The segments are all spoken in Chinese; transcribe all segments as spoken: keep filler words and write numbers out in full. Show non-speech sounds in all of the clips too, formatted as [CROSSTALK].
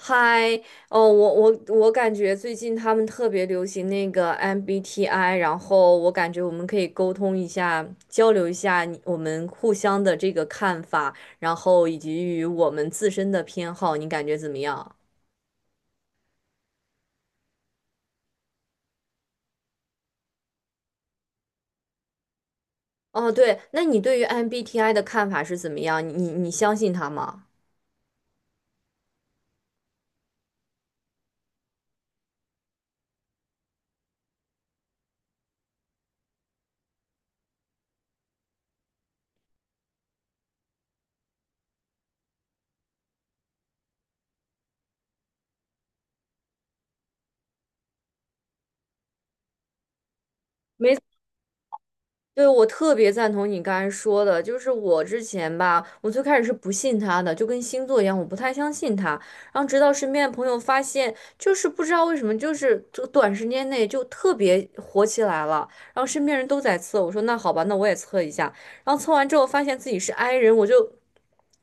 嗨，哦，我我我感觉最近他们特别流行那个 M B T I，然后我感觉我们可以沟通一下，交流一下你我们互相的这个看法，然后以及与我们自身的偏好，你感觉怎么样？哦，对，那你对于 M B T I 的看法是怎么样？你你相信他吗？没。对，我特别赞同你刚才说的，就是我之前吧，我最开始是不信他的，就跟星座一样，我不太相信他。然后直到身边的朋友发现，就是不知道为什么，就是这短时间内就特别火起来了。然后身边人都在测，我说那好吧，那我也测一下。然后测完之后发现自己是 i 人，我就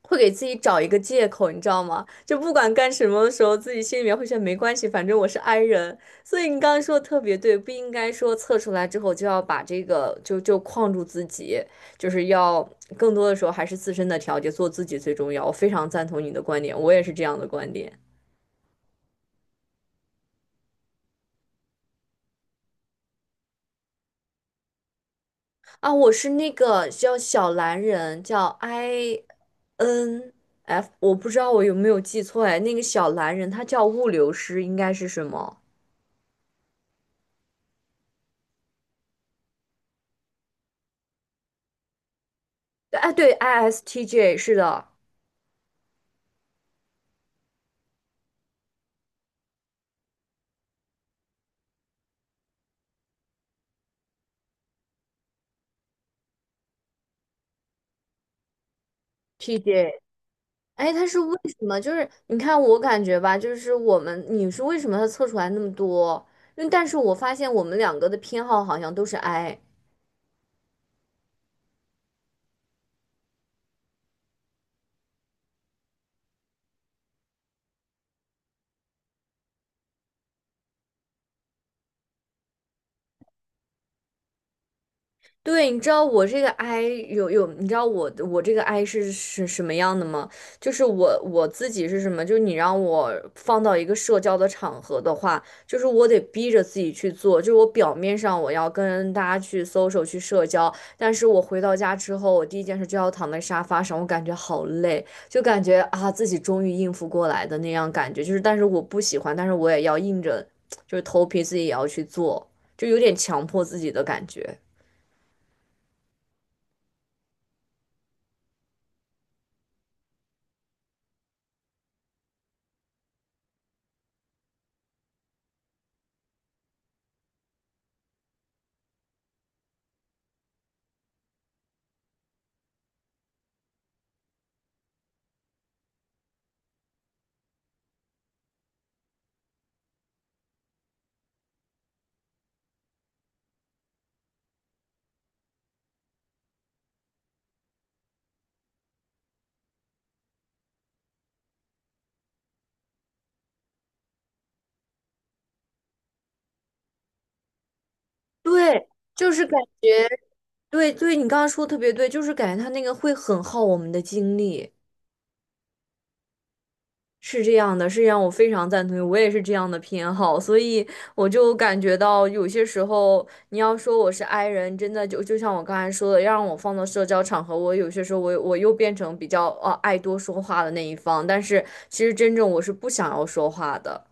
会给自己找一个借口，你知道吗？就不管干什么的时候，自己心里面会觉得没关系，反正我是 i 人。所以你刚刚说的特别对，不应该说测出来之后就要把这个就就框住自己，就是要更多的时候还是自身的调节，做自己最重要。我非常赞同你的观点，我也是这样的观点。啊，我是那个叫小蓝人，叫 I N F，我不知道我有没有记错哎，那个小蓝人他叫物流师，应该是什么？哎，对，I S T J 是的，T J。哎，他是为什么？就是你看，我感觉吧，就是我们你是为什么他测出来那么多？因为但是我发现我们两个的偏好好像都是 I。对，你知道我这个 I 有有，你知道我我这个 I 是是什么样的吗？就是我我自己是什么？就是你让我放到一个社交的场合的话，就是我得逼着自己去做，就是我表面上我要跟大家去 social 去社交，但是我回到家之后，我第一件事就要躺在沙发上，我感觉好累，就感觉啊自己终于应付过来的那样感觉，就是但是我不喜欢，但是我也要硬着，就是头皮自己也要去做，就有点强迫自己的感觉。对，就是感觉，对对，你刚刚说的特别对，就是感觉他那个会很耗我们的精力，是这样的，是让我非常赞同，我也是这样的偏好，所以我就感觉到有些时候，你要说我是 i 人，真的就就像我刚才说的，要让我放到社交场合，我有些时候我我又变成比较呃爱多说话的那一方，但是其实真正我是不想要说话的。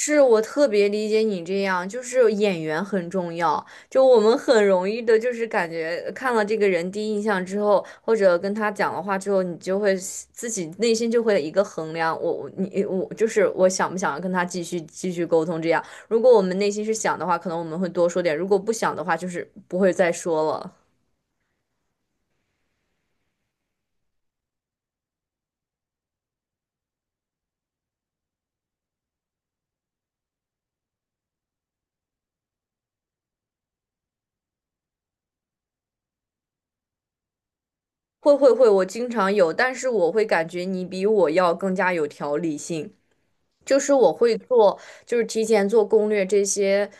是我特别理解你这样，就是演员很重要。就我们很容易的，就是感觉看了这个人第一印象之后，或者跟他讲了话之后，你就会自己内心就会有一个衡量，我我你我就是我想不想跟他继续继续沟通这样。如果我们内心是想的话，可能我们会多说点；如果不想的话，就是不会再说了。会会会，我经常有，但是我会感觉你比我要更加有条理性，就是我会做。就是提前做攻略这些，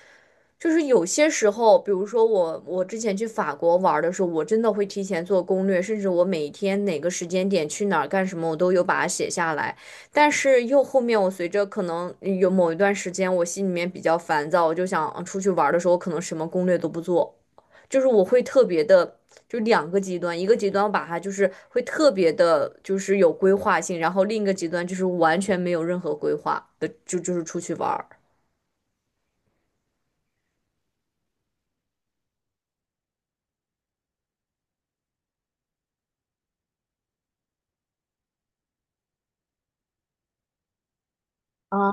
就是有些时候，比如说我，我之前去法国玩儿的时候，我真的会提前做攻略，甚至我每天哪个时间点去哪儿干什么，我都有把它写下来。但是又后面，我随着可能有某一段时间，我心里面比较烦躁，我就想嗯出去玩儿的时候，我可能什么攻略都不做，就是我会特别的，就两个极端，一个极端我把它就是会特别的，就是有规划性，然后另一个极端就是完全没有任何规划的，就就是出去玩儿。啊，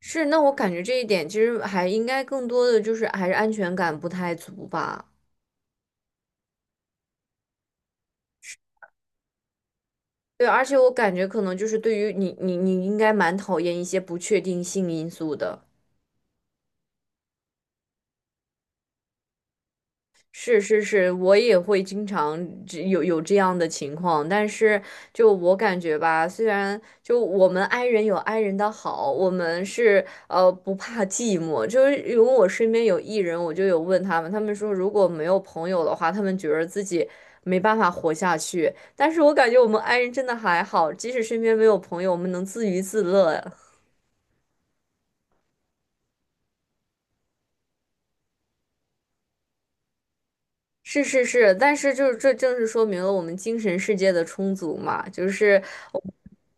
是，那我感觉这一点其实还应该更多的就是还是安全感不太足吧。对，而且我感觉可能就是对于你，你你应该蛮讨厌一些不确定性因素的。是是是，我也会经常这有有这样的情况，但是就我感觉吧，虽然就我们 i 人有 i 人的好，我们是呃不怕寂寞，就是因为我身边有 e 人，我就有问他们，他们说如果没有朋友的话，他们觉得自己没办法活下去，但是我感觉我们 i 人真的还好，即使身边没有朋友，我们能自娱自乐。是是是，但是就是这正是说明了我们精神世界的充足嘛，就是。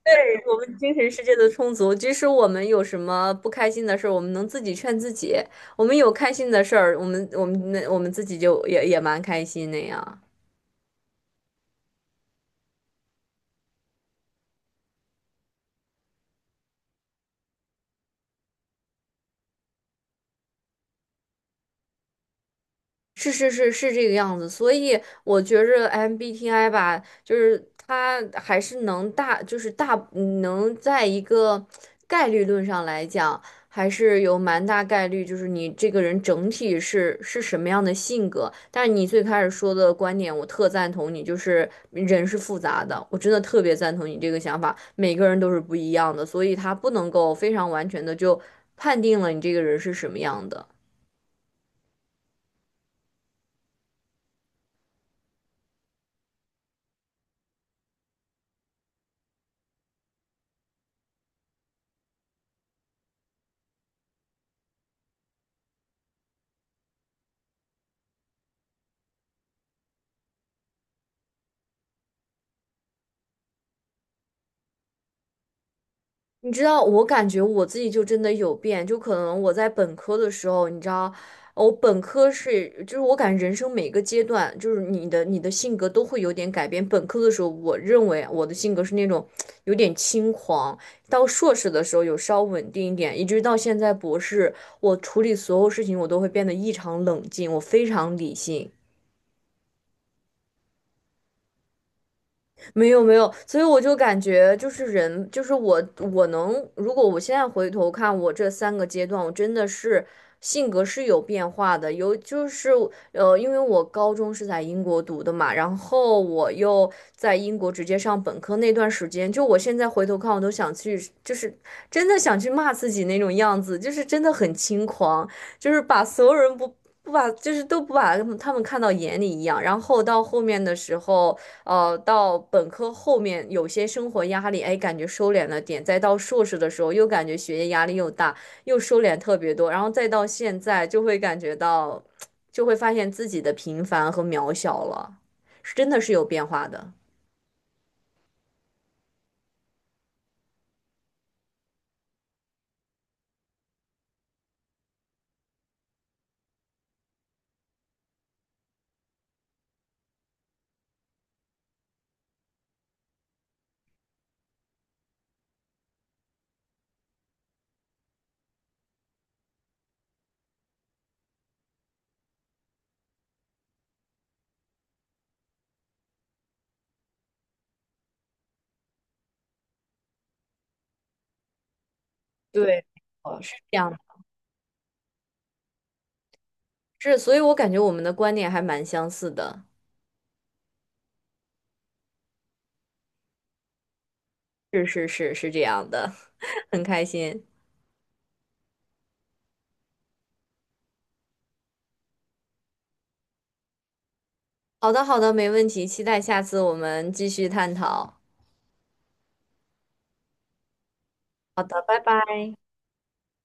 对，我们精神世界的充足，即使我们有什么不开心的事儿，我们能自己劝自己；我们有开心的事儿，我们我们那我们自己就也也蛮开心那样。是是是是这个样子，所以我觉着 M B T I 吧，就是它还是能大，就是大嗯能在一个概率论上来讲，还是有蛮大概率，就是你这个人整体是是什么样的性格。但是你最开始说的观点，我特赞同你，就是人是复杂的，我真的特别赞同你这个想法，每个人都是不一样的，所以他不能够非常完全的就判定了你这个人是什么样的。你知道，我感觉我自己就真的有变，就可能我在本科的时候，你知道，我本科是，就是我感觉人生每个阶段，就是你的你的性格都会有点改变。本科的时候，我认为我的性格是那种 [TSK] 有点轻狂，到硕士的时候有稍稳定一点，一直到现在博士，我处理所有事情我都会变得异常冷静，我非常理性。没有没有，所以我就感觉就是人，就是我，我能，如果我现在回头看我这三个阶段，我真的是性格是有变化的，有就是呃，因为我高中是在英国读的嘛，然后我又在英国直接上本科那段时间，就我现在回头看，我都想去，就是真的想去骂自己那种样子，就是真的很轻狂，就是把所有人不。不把，就是都不把他们看到眼里一样，然后到后面的时候。呃，到本科后面有些生活压力，哎，感觉收敛了点；再到硕士的时候，又感觉学业压力又大，又收敛特别多。然后再到现在，就会感觉到，就会发现自己的平凡和渺小了，是真的是有变化的。对，哦，是这样的，是，所以我感觉我们的观点还蛮相似的。是是是是这样的，[LAUGHS] 很开心。好的好的，没问题，期待下次我们继续探讨。好的，拜拜。